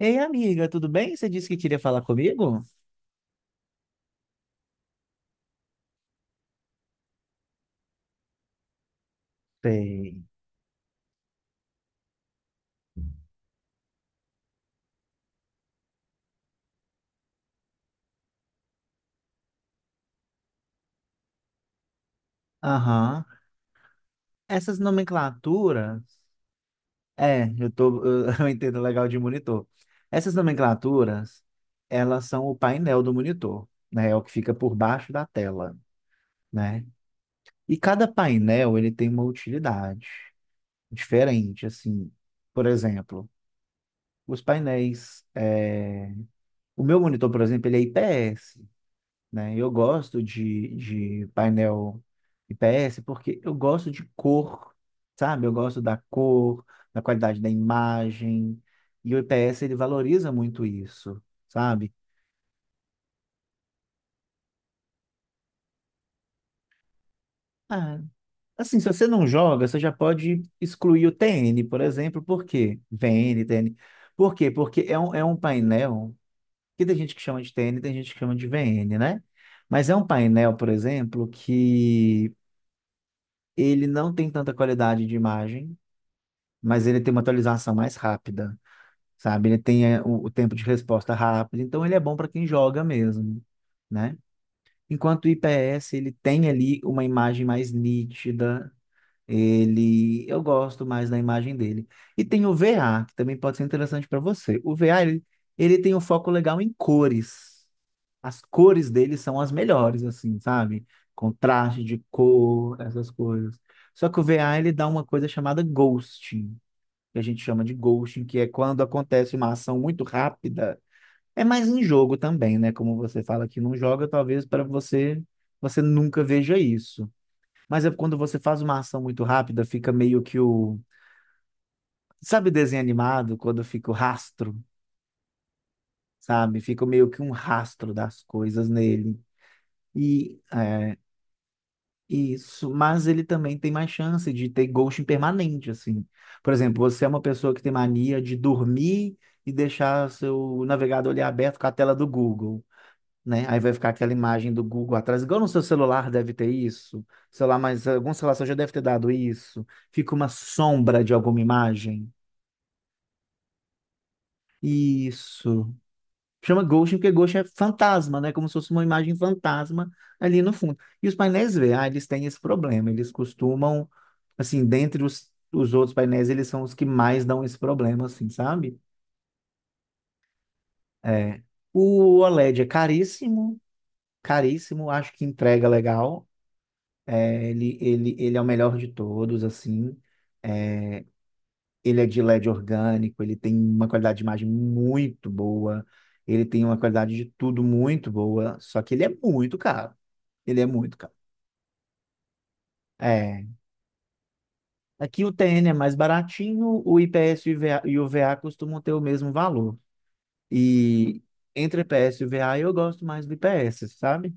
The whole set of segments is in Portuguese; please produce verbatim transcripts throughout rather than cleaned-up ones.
Ei, amiga, tudo bem? Você disse que queria falar comigo? Sei. Aham. Essas nomenclaturas. É, eu tô, eu entendo legal de monitor. Essas nomenclaturas, elas são o painel do monitor, né? É o que fica por baixo da tela, né? E cada painel, ele tem uma utilidade diferente, assim. Por exemplo, os painéis, é, o meu monitor, por exemplo, ele é I P S, né? Eu gosto de, de painel I P S porque eu gosto de cor, sabe? Eu gosto da cor, da qualidade da imagem, e o I P S ele valoriza muito isso, sabe? Ah, assim, se você não joga, você já pode excluir o T N, por exemplo. Por quê? V N, T N. Por quê? Porque é um, é um painel que tem gente que chama de T N, tem gente que chama de V N, né? Mas é um painel, por exemplo, que ele não tem tanta qualidade de imagem, mas ele tem uma atualização mais rápida, sabe? Ele tem é, o, o tempo de resposta rápido, então ele é bom para quem joga mesmo, né? Enquanto o I P S, ele tem ali uma imagem mais nítida, ele, eu gosto mais da imagem dele. E tem o V A, que também pode ser interessante para você. O V A, ele, ele tem um foco legal em cores. As cores dele são as melhores, assim, sabe? Contraste de cor, essas coisas. Só que o V A, ele dá uma coisa chamada ghosting, que a gente chama de ghosting, que é quando acontece uma ação muito rápida. É mais em jogo também, né? Como você fala que não joga, talvez para você você nunca veja isso. Mas é quando você faz uma ação muito rápida, fica meio que o. Sabe desenho animado, quando fica o rastro, sabe? Fica meio que um rastro das coisas nele. E é, Isso, mas ele também tem mais chance de ter ghosting permanente, assim. Por exemplo, você é uma pessoa que tem mania de dormir e deixar seu navegador ali aberto com a tela do Google, né? Aí vai ficar aquela imagem do Google atrás, igual no seu celular deve ter isso, sei lá, mas algum celular já deve ter dado isso. Fica uma sombra de alguma imagem. Isso. Chama Ghost porque Ghost é fantasma, né? Como se fosse uma imagem fantasma ali no fundo. E os painéis V A, eles têm esse problema. Eles costumam, assim, dentre os, os outros painéis, eles são os que mais dão esse problema, assim, sabe? É. O OLED é caríssimo, caríssimo. Acho que entrega legal. É, ele, ele, ele é o melhor de todos, assim. Ele é de LED orgânico, ele tem uma qualidade de imagem muito boa, ele tem uma qualidade de tudo muito boa, só que ele é muito caro. Ele é muito caro. É. Aqui o T N é mais baratinho, o IPS e o V A, e o V A costumam ter o mesmo valor. E entre I P S e o V A eu gosto mais do I P S, sabe?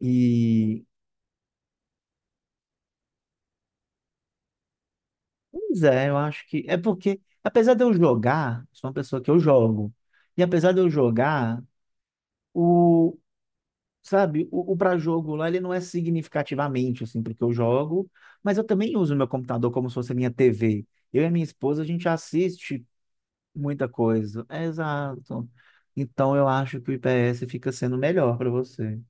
E, Pois é, eu acho que é porque, apesar de eu jogar, sou uma pessoa que eu jogo, e apesar de eu jogar, o Sabe, o, o pré-jogo lá, ele não é significativamente, assim, porque eu jogo, mas eu também uso meu computador como se fosse minha T V. Eu e a minha esposa, a gente assiste muita coisa. É, exato. Então, eu acho que o I P S fica sendo melhor para você.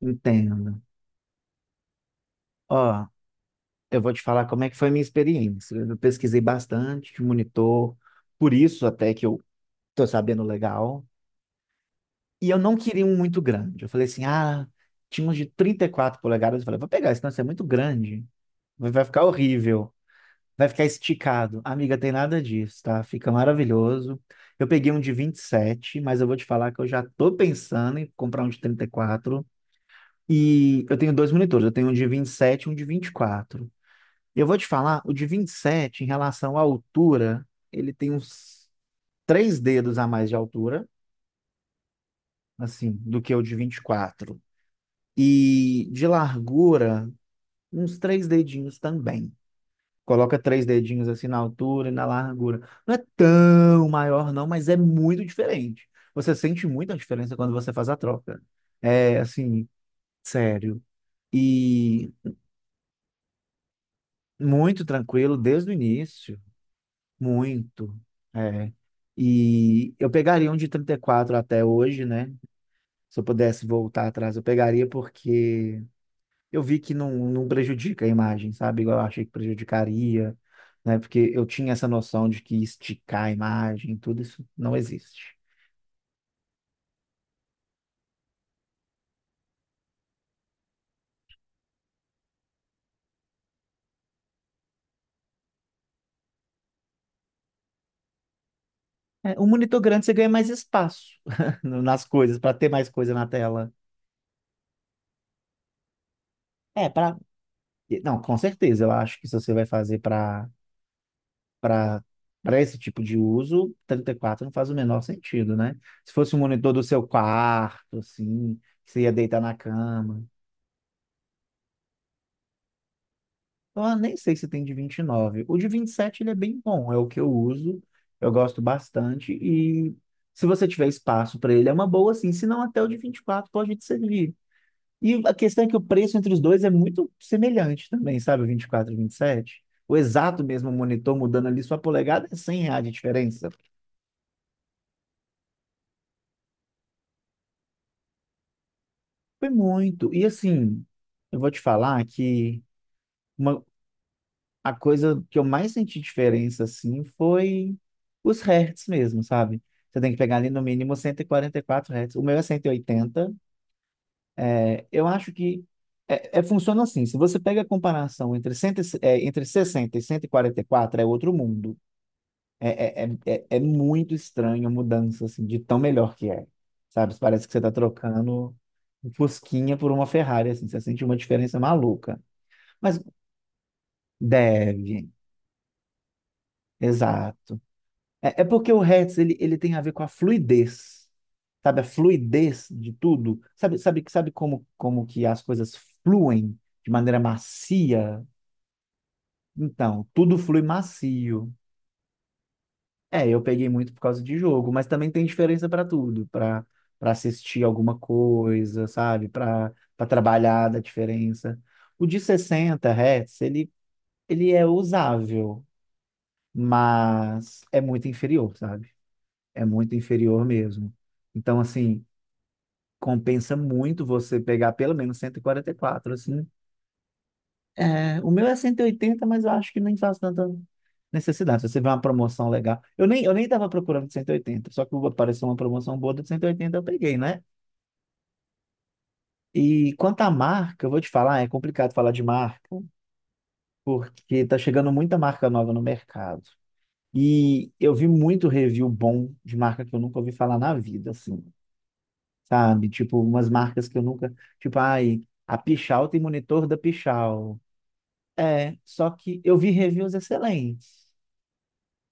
Entenda. Ó, eu vou te falar como é que foi a minha experiência. Eu pesquisei bastante de monitor, por isso até que eu tô sabendo legal. E eu não queria um muito grande. Eu falei assim, ah, tinha uns de trinta e quatro polegadas. Eu falei, vou pegar, senão isso é muito grande. Vai vai ficar horrível. Vai ficar esticado. Amiga, tem nada disso, tá? Fica maravilhoso. Eu peguei um de vinte e sete, mas eu vou te falar que eu já tô pensando em comprar um de trinta e quatro. E eu tenho dois monitores, eu tenho um de vinte e sete, e um de vinte e quatro. Eu vou te falar, o de vinte e sete, em relação à altura, ele tem uns três dedos a mais de altura, assim, do que o de vinte e quatro. E de largura, uns três dedinhos também. Coloca três dedinhos assim na altura e na largura. Não é tão maior, não, mas é muito diferente. Você sente muita diferença quando você faz a troca. É assim, sério. E muito tranquilo desde o início. Muito. É. E eu pegaria um de trinta e quatro até hoje, né? Se eu pudesse voltar atrás, eu pegaria porque eu vi que não, não prejudica a imagem, sabe? Igual eu achei que prejudicaria, né? Porque eu tinha essa noção de que esticar a imagem, tudo isso não existe. É, um monitor grande você ganha mais espaço no- nas coisas, para ter mais coisa na tela. É, para. Não, com certeza, eu acho que se você vai fazer para para para esse tipo de uso, trinta e quatro não faz o menor sentido, né? Se fosse um monitor do seu quarto, assim, que você ia deitar na cama. Ah, nem sei se tem de vinte e nove. O de vinte e sete ele é bem bom, é o que eu uso, eu gosto bastante, e se você tiver espaço para ele é uma boa, sim, se não até o de vinte e quatro pode te servir. E a questão é que o preço entre os dois é muito semelhante também, sabe, o vinte e quatro e o vinte e sete. O exato mesmo monitor mudando ali sua polegada é cem reais de diferença. Foi muito. E assim, eu vou te falar que uma, a coisa que eu mais senti diferença, assim, foi os hertz mesmo, sabe? Você tem que pegar ali no mínimo cento e e quarenta e quatro hertz. O meu é cento e oitenta. É, eu acho que é, é- funciona assim. Se você pega a comparação entre, cento, e se- é, entre sessenta e cento e quarenta e quatro, é outro mundo. É, é, é, é é muito estranho a mudança, assim, de tão melhor que é. Sabe? Parece que você está trocando um Fusquinha por uma Ferrari, assim. Você sente uma diferença maluca. Mas deve, exato. É, é porque o hertz ele, ele tem a ver com a fluidez, sabe? A fluidez de tudo. Sabe, sabe, sabe como, como que as coisas fluem de maneira macia? Então, tudo flui macio. É, eu peguei muito por causa de jogo, mas também tem diferença para tudo, para para assistir alguma coisa, sabe? Para para trabalhar da diferença. O de sessenta hertz, ele, ele é usável, mas é muito inferior, sabe? É muito inferior mesmo. Então, assim, compensa muito você pegar pelo menos cento e e quarenta e quatro, assim. É, o meu é cento e oitenta, mas eu acho que nem faz tanta necessidade. Se você vê uma promoção legal. Eu nem, eu nem estava procurando de cento e oitenta. Só que apareceu uma promoção boa de cento e oitenta, eu peguei, né? E quanto à marca, eu vou te falar, é complicado falar de marca, porque tá chegando muita marca nova no mercado. E eu vi muito review bom de marca que eu nunca ouvi falar na vida, assim, sabe? Tipo, umas marcas que eu nunca. Tipo, ai, a Pichal tem monitor da Pichal. É, só que eu vi reviews excelentes.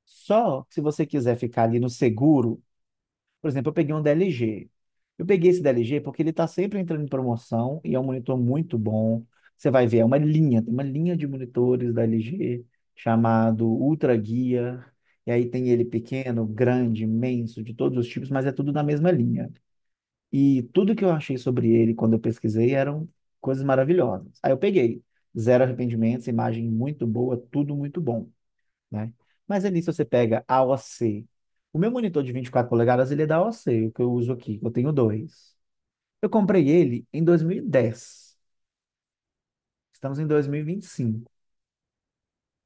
Só que se você quiser ficar ali no seguro, por exemplo, eu peguei um da L G. Eu peguei esse da L G porque ele está sempre entrando em promoção e é um monitor muito bom. Você vai ver, é uma linha, tem uma linha de monitores da L G chamado Ultra Gear. E aí tem ele pequeno, grande, imenso, de todos os tipos, mas é tudo na mesma linha. E tudo que eu achei sobre ele quando eu pesquisei eram coisas maravilhosas. Aí eu peguei. Zero arrependimentos, imagem muito boa, tudo muito bom, né? Mas ali, se você pega A O C, o C, o meu monitor de vinte e quatro polegadas, ele é da A O C, o C, o que eu uso aqui, eu tenho dois. Eu comprei ele em dois mil e dez. Estamos em dois mil e vinte e cinco.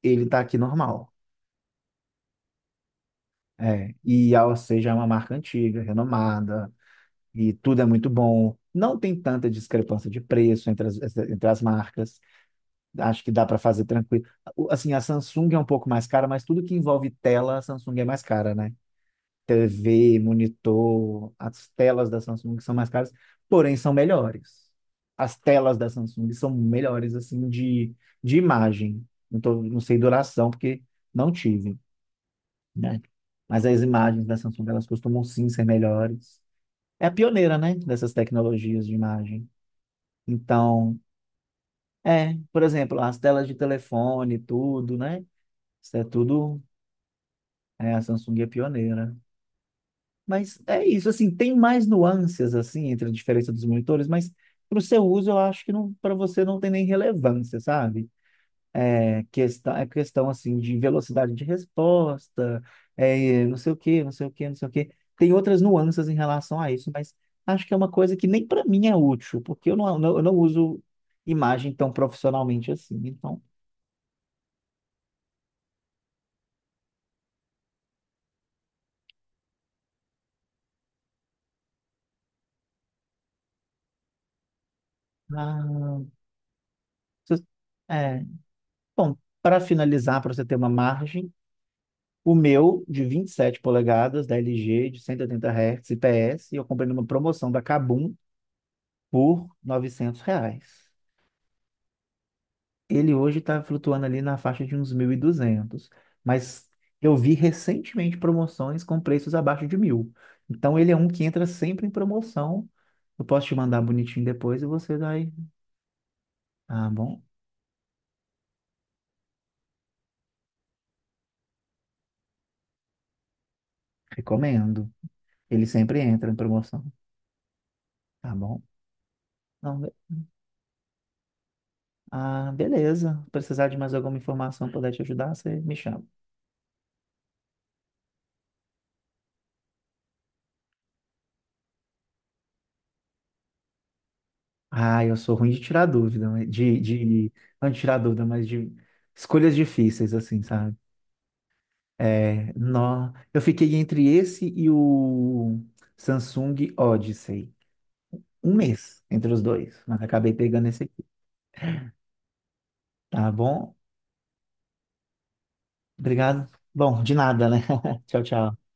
Ele está aqui normal. É, e a AOC já é uma marca antiga, renomada, e tudo é muito bom. Não tem tanta discrepância de preço entre as, entre as marcas. Acho que dá para fazer tranquilo. O- Assim, a Samsung é um pouco mais cara, mas tudo que envolve tela, a Samsung é mais cara, né? T V, monitor, as telas da Samsung são mais caras, porém são melhores. As telas da Samsung são melhores, assim, de, de imagem. Não tô, não sei duração, porque não tive, né? Mas as imagens da Samsung, elas costumam sim ser melhores. É a pioneira, né? Dessas tecnologias de imagem. Então, é, por exemplo, as telas de telefone, tudo, né? Isso é tudo. É, a Samsung é pioneira. Mas é isso, assim, tem mais nuances, assim, entre a diferença dos monitores, mas para o seu uso, eu acho que não, para você não tem nem relevância, sabe? É questão, é questão, assim, de velocidade de resposta, é, não sei o quê, não sei o quê, não sei o quê. Tem outras nuances em relação a isso, mas acho que é uma coisa que nem para mim é útil, porque eu não, não- eu não uso imagem tão profissionalmente assim. Então, ah, se- é. Bom, para finalizar, para você ter uma margem, o meu de vinte e sete polegadas, da L G, de cento e oitenta Hz, I P S, eu comprei numa promoção da Kabum por novecentos reais. Ele hoje está flutuando ali na faixa de uns mil e duzentos, mas eu vi recentemente promoções com preços abaixo de mil. Então ele é um que entra sempre em promoção. Eu posso te mandar bonitinho depois e você vai. Ah, bom, recomendo. Ele sempre entra em promoção, tá bom? Não, ah, beleza. Se precisar de mais alguma informação, puder te ajudar, você me chama. Ah, eu sou ruim de tirar dúvida, mas- de, de, não de tirar dúvida, mas de escolhas difíceis, assim, sabe? É, nó. Eu fiquei entre esse e o Samsung Odyssey. Um mês entre os dois, mas acabei pegando esse aqui, tá bom? Obrigado. Bom, de nada, né? Tchau, tchau.